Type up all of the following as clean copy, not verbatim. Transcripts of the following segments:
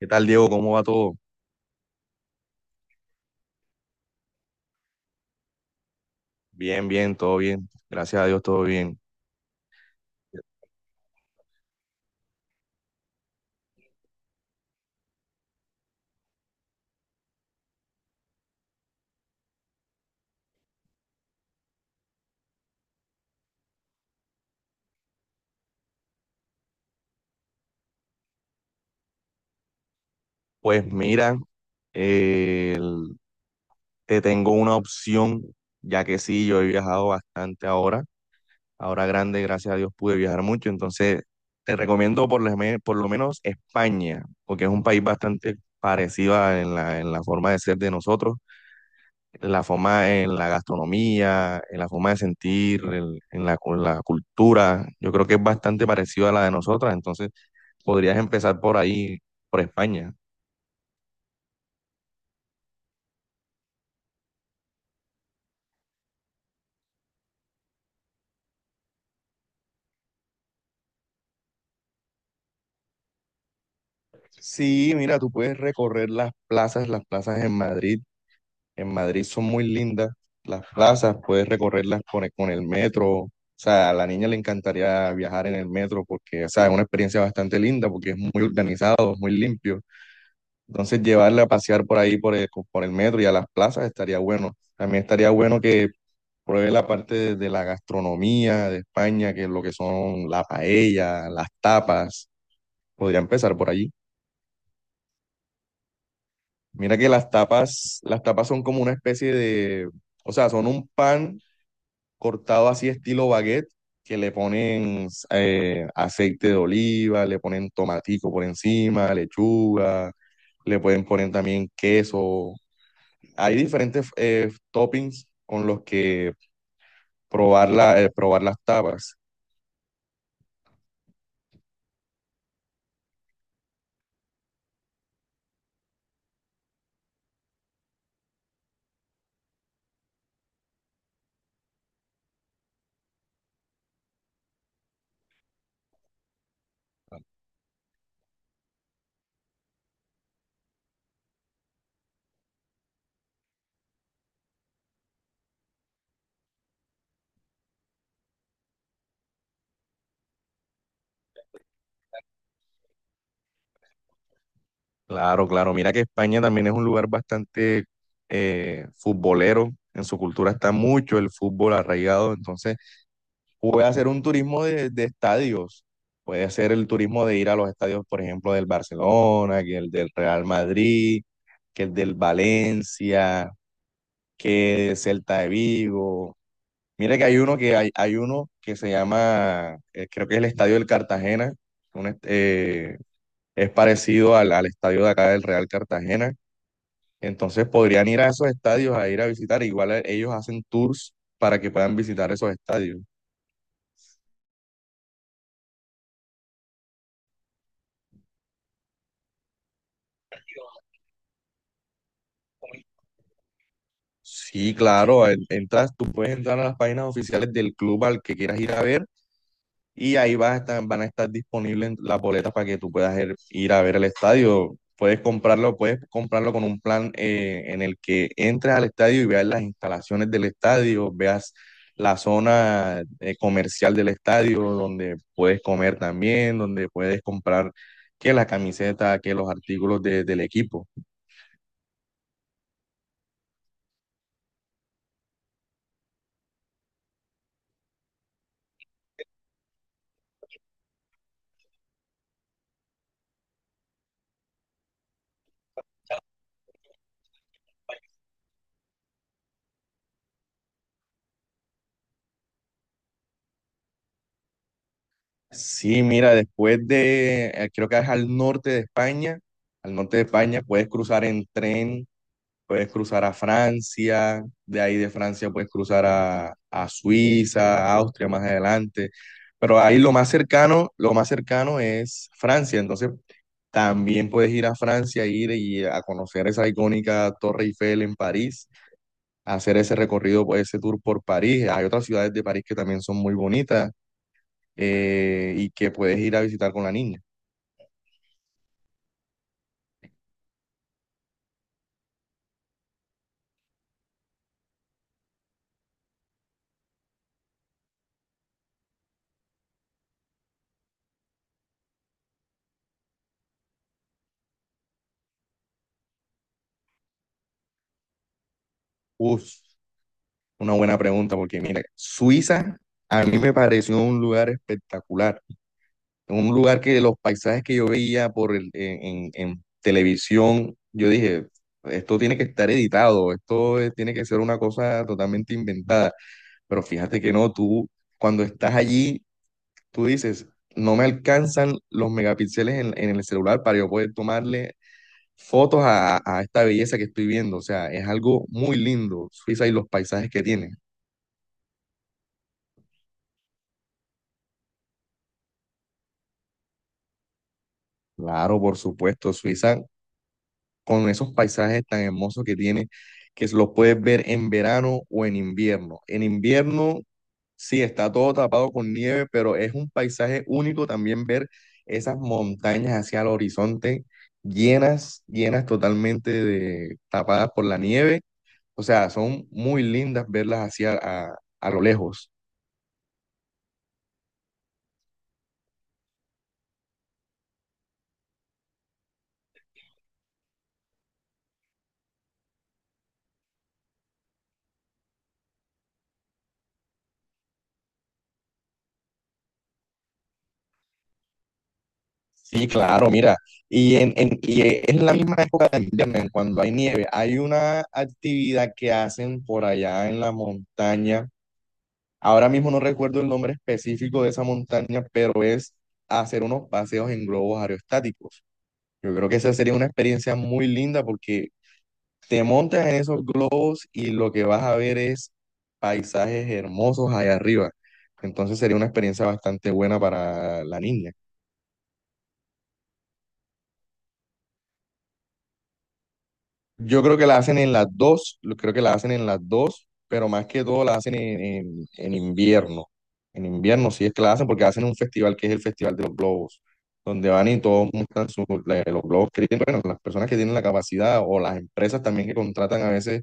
¿Qué tal, Diego? ¿Cómo va todo? Bien, bien, todo bien. Gracias a Dios, todo bien. Pues mira, eh, el- te tengo una opción, ya que sí, yo he viajado bastante ahora. Ahora grande, gracias a Dios, pude viajar mucho. Entonces, te recomiendo por lo menos España, porque es un país bastante parecido en la forma de ser de nosotros. La forma en la gastronomía, en la forma de sentir, la cultura. Yo creo que es bastante parecido a la de nosotras, entonces podrías empezar por ahí, por España. Sí, mira, tú puedes recorrer las plazas en Madrid. En Madrid son muy lindas las plazas, puedes recorrerlas con el metro. O sea, a la niña le encantaría viajar en el metro porque, o sea, es una experiencia bastante linda porque es muy organizado, es muy limpio. Entonces llevarla a pasear por ahí, por el metro y a las plazas estaría bueno. También estaría bueno que pruebe la parte de la gastronomía de España, que es lo que son la paella, las tapas. Podría empezar por allí. Mira que las tapas son como una especie de, o sea, son un pan cortado así estilo baguette, que le ponen aceite de oliva, le ponen tomatico por encima, lechuga, le pueden poner también queso. Hay diferentes toppings con los que probar, probar las tapas. Claro, claro. Mira que España también es un lugar bastante futbolero. En su cultura está mucho el fútbol arraigado. Entonces, puede hacer un turismo de estadios. Puede hacer el turismo de ir a los estadios, por ejemplo, del Barcelona, que el del Real Madrid, que el del Valencia, que el Celta de Vigo. Mire que hay uno hay uno que se llama, creo que es el Estadio del Cartagena. un est- eh, es parecido al estadio de acá del Real Cartagena. Entonces podrían ir a esos estadios a ir a visitar. Igual ellos hacen tours para que puedan visitar esos estadios. Sí, claro, entras, tú puedes entrar a las páginas oficiales del club al que quieras ir a ver y ahí van a estar disponibles las boletas para que tú puedas ir, ir a ver el estadio. Puedes comprarlo con un plan en el que entres al estadio y veas las instalaciones del estadio, veas la zona comercial del estadio donde puedes comer también, donde puedes comprar que la camiseta, que los artículos del equipo. Sí, mira, después de, creo que es al norte de España, al norte de España puedes cruzar en tren, puedes cruzar a Francia, de ahí de Francia puedes cruzar a Suiza, a Austria más adelante, pero ahí lo más cercano es Francia, entonces también puedes ir a Francia, ir y a conocer esa icónica Torre Eiffel en París, hacer ese recorrido, pues, ese tour por París, hay otras ciudades de París que también son muy bonitas y que puedes ir a visitar con la niña. Uf, una buena pregunta, porque mira, Suiza a mí me pareció un lugar espectacular, un lugar que los paisajes que yo veía por el, en televisión, yo dije, esto tiene que estar editado, esto tiene que ser una cosa totalmente inventada, pero fíjate que no, tú cuando estás allí, tú dices, no me alcanzan los megapíxeles en el celular para yo poder tomarle fotos a esta belleza que estoy viendo. O sea, es algo muy lindo, Suiza y los paisajes que tiene. Claro, por supuesto, Suiza con esos paisajes tan hermosos que tiene, que los puedes ver en verano o en invierno. En invierno, sí, está todo tapado con nieve, pero es un paisaje único también ver esas montañas hacia el horizonte llenas, llenas totalmente de tapadas por la nieve. O sea, son muy lindas verlas hacia a lo lejos. Sí, claro, mira, y es la misma época de invierno, en cuando hay nieve, hay una actividad que hacen por allá en la montaña, ahora mismo no recuerdo el nombre específico de esa montaña, pero es hacer unos paseos en globos aerostáticos. Yo creo que esa sería una experiencia muy linda porque te montas en esos globos y lo que vas a ver es paisajes hermosos allá arriba. Entonces sería una experiencia bastante buena para la niña. Yo creo que la hacen en las dos, creo que la hacen en las dos, pero más que todo la hacen en invierno. En invierno sí es que la hacen porque hacen un festival que es el Festival de los Globos, donde van y todos muestran los globos que tienen, bueno, las personas que tienen la capacidad o las empresas también que contratan a veces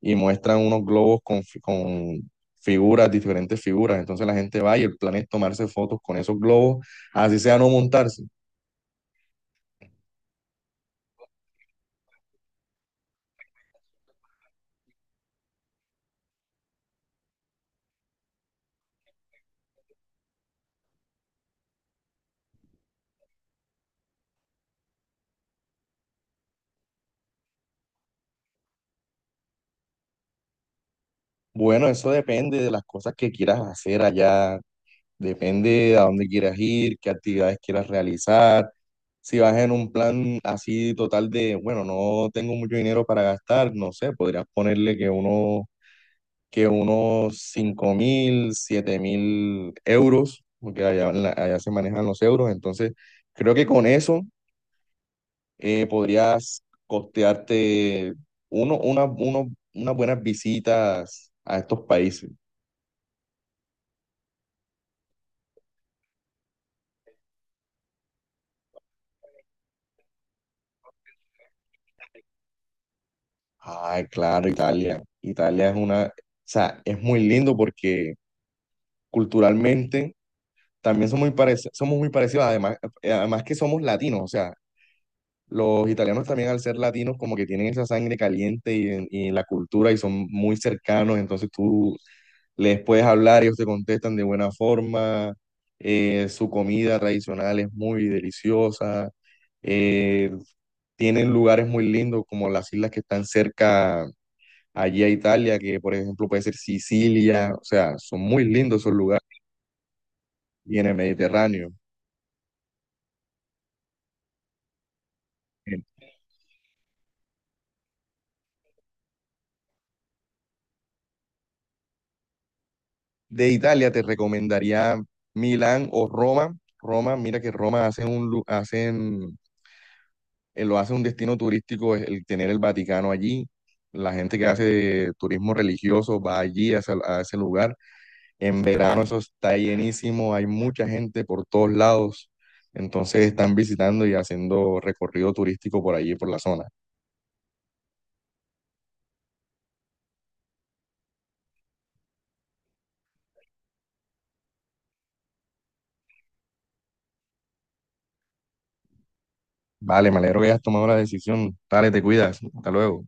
y muestran unos globos con figuras, diferentes figuras. Entonces la gente va y el plan es tomarse fotos con esos globos, así sea no montarse. Bueno, eso depende de las cosas que quieras hacer allá. Depende a dónde quieras ir, qué actividades quieras realizar. Si vas en un plan así total de, bueno, no tengo mucho dinero para gastar, no sé, podrías ponerle que unos 5.000, 7.000 euros, porque allá, allá se manejan los euros. Entonces, creo que con eso podrías costearte uno, una, uno- unas buenas visitas a estos países. Ay, claro, Italia. Italia es una, o sea, es muy lindo porque culturalmente también somos muy parecidos, además, además que somos latinos, o sea, los italianos también al ser latinos como que tienen esa sangre caliente y la cultura y son muy cercanos, entonces tú les puedes hablar, ellos te contestan de buena forma, su comida tradicional es muy deliciosa, eh, tienen lugares muy lindos como las islas que están cerca allí a Italia, que por ejemplo puede ser Sicilia, o sea, son muy lindos esos lugares, y en el Mediterráneo. Eh, De Italia te recomendaría Milán o Roma. Roma, mira que Roma hace un, hacen, lo hace un destino turístico el tener el Vaticano allí. La gente que hace turismo religioso va allí a ese lugar. En verano eso está llenísimo, hay mucha gente por todos lados. Entonces están visitando y haciendo recorrido turístico por allí, por la zona. Vale, me alegro que hayas tomado la decisión. Dale, te cuidas. Hasta luego.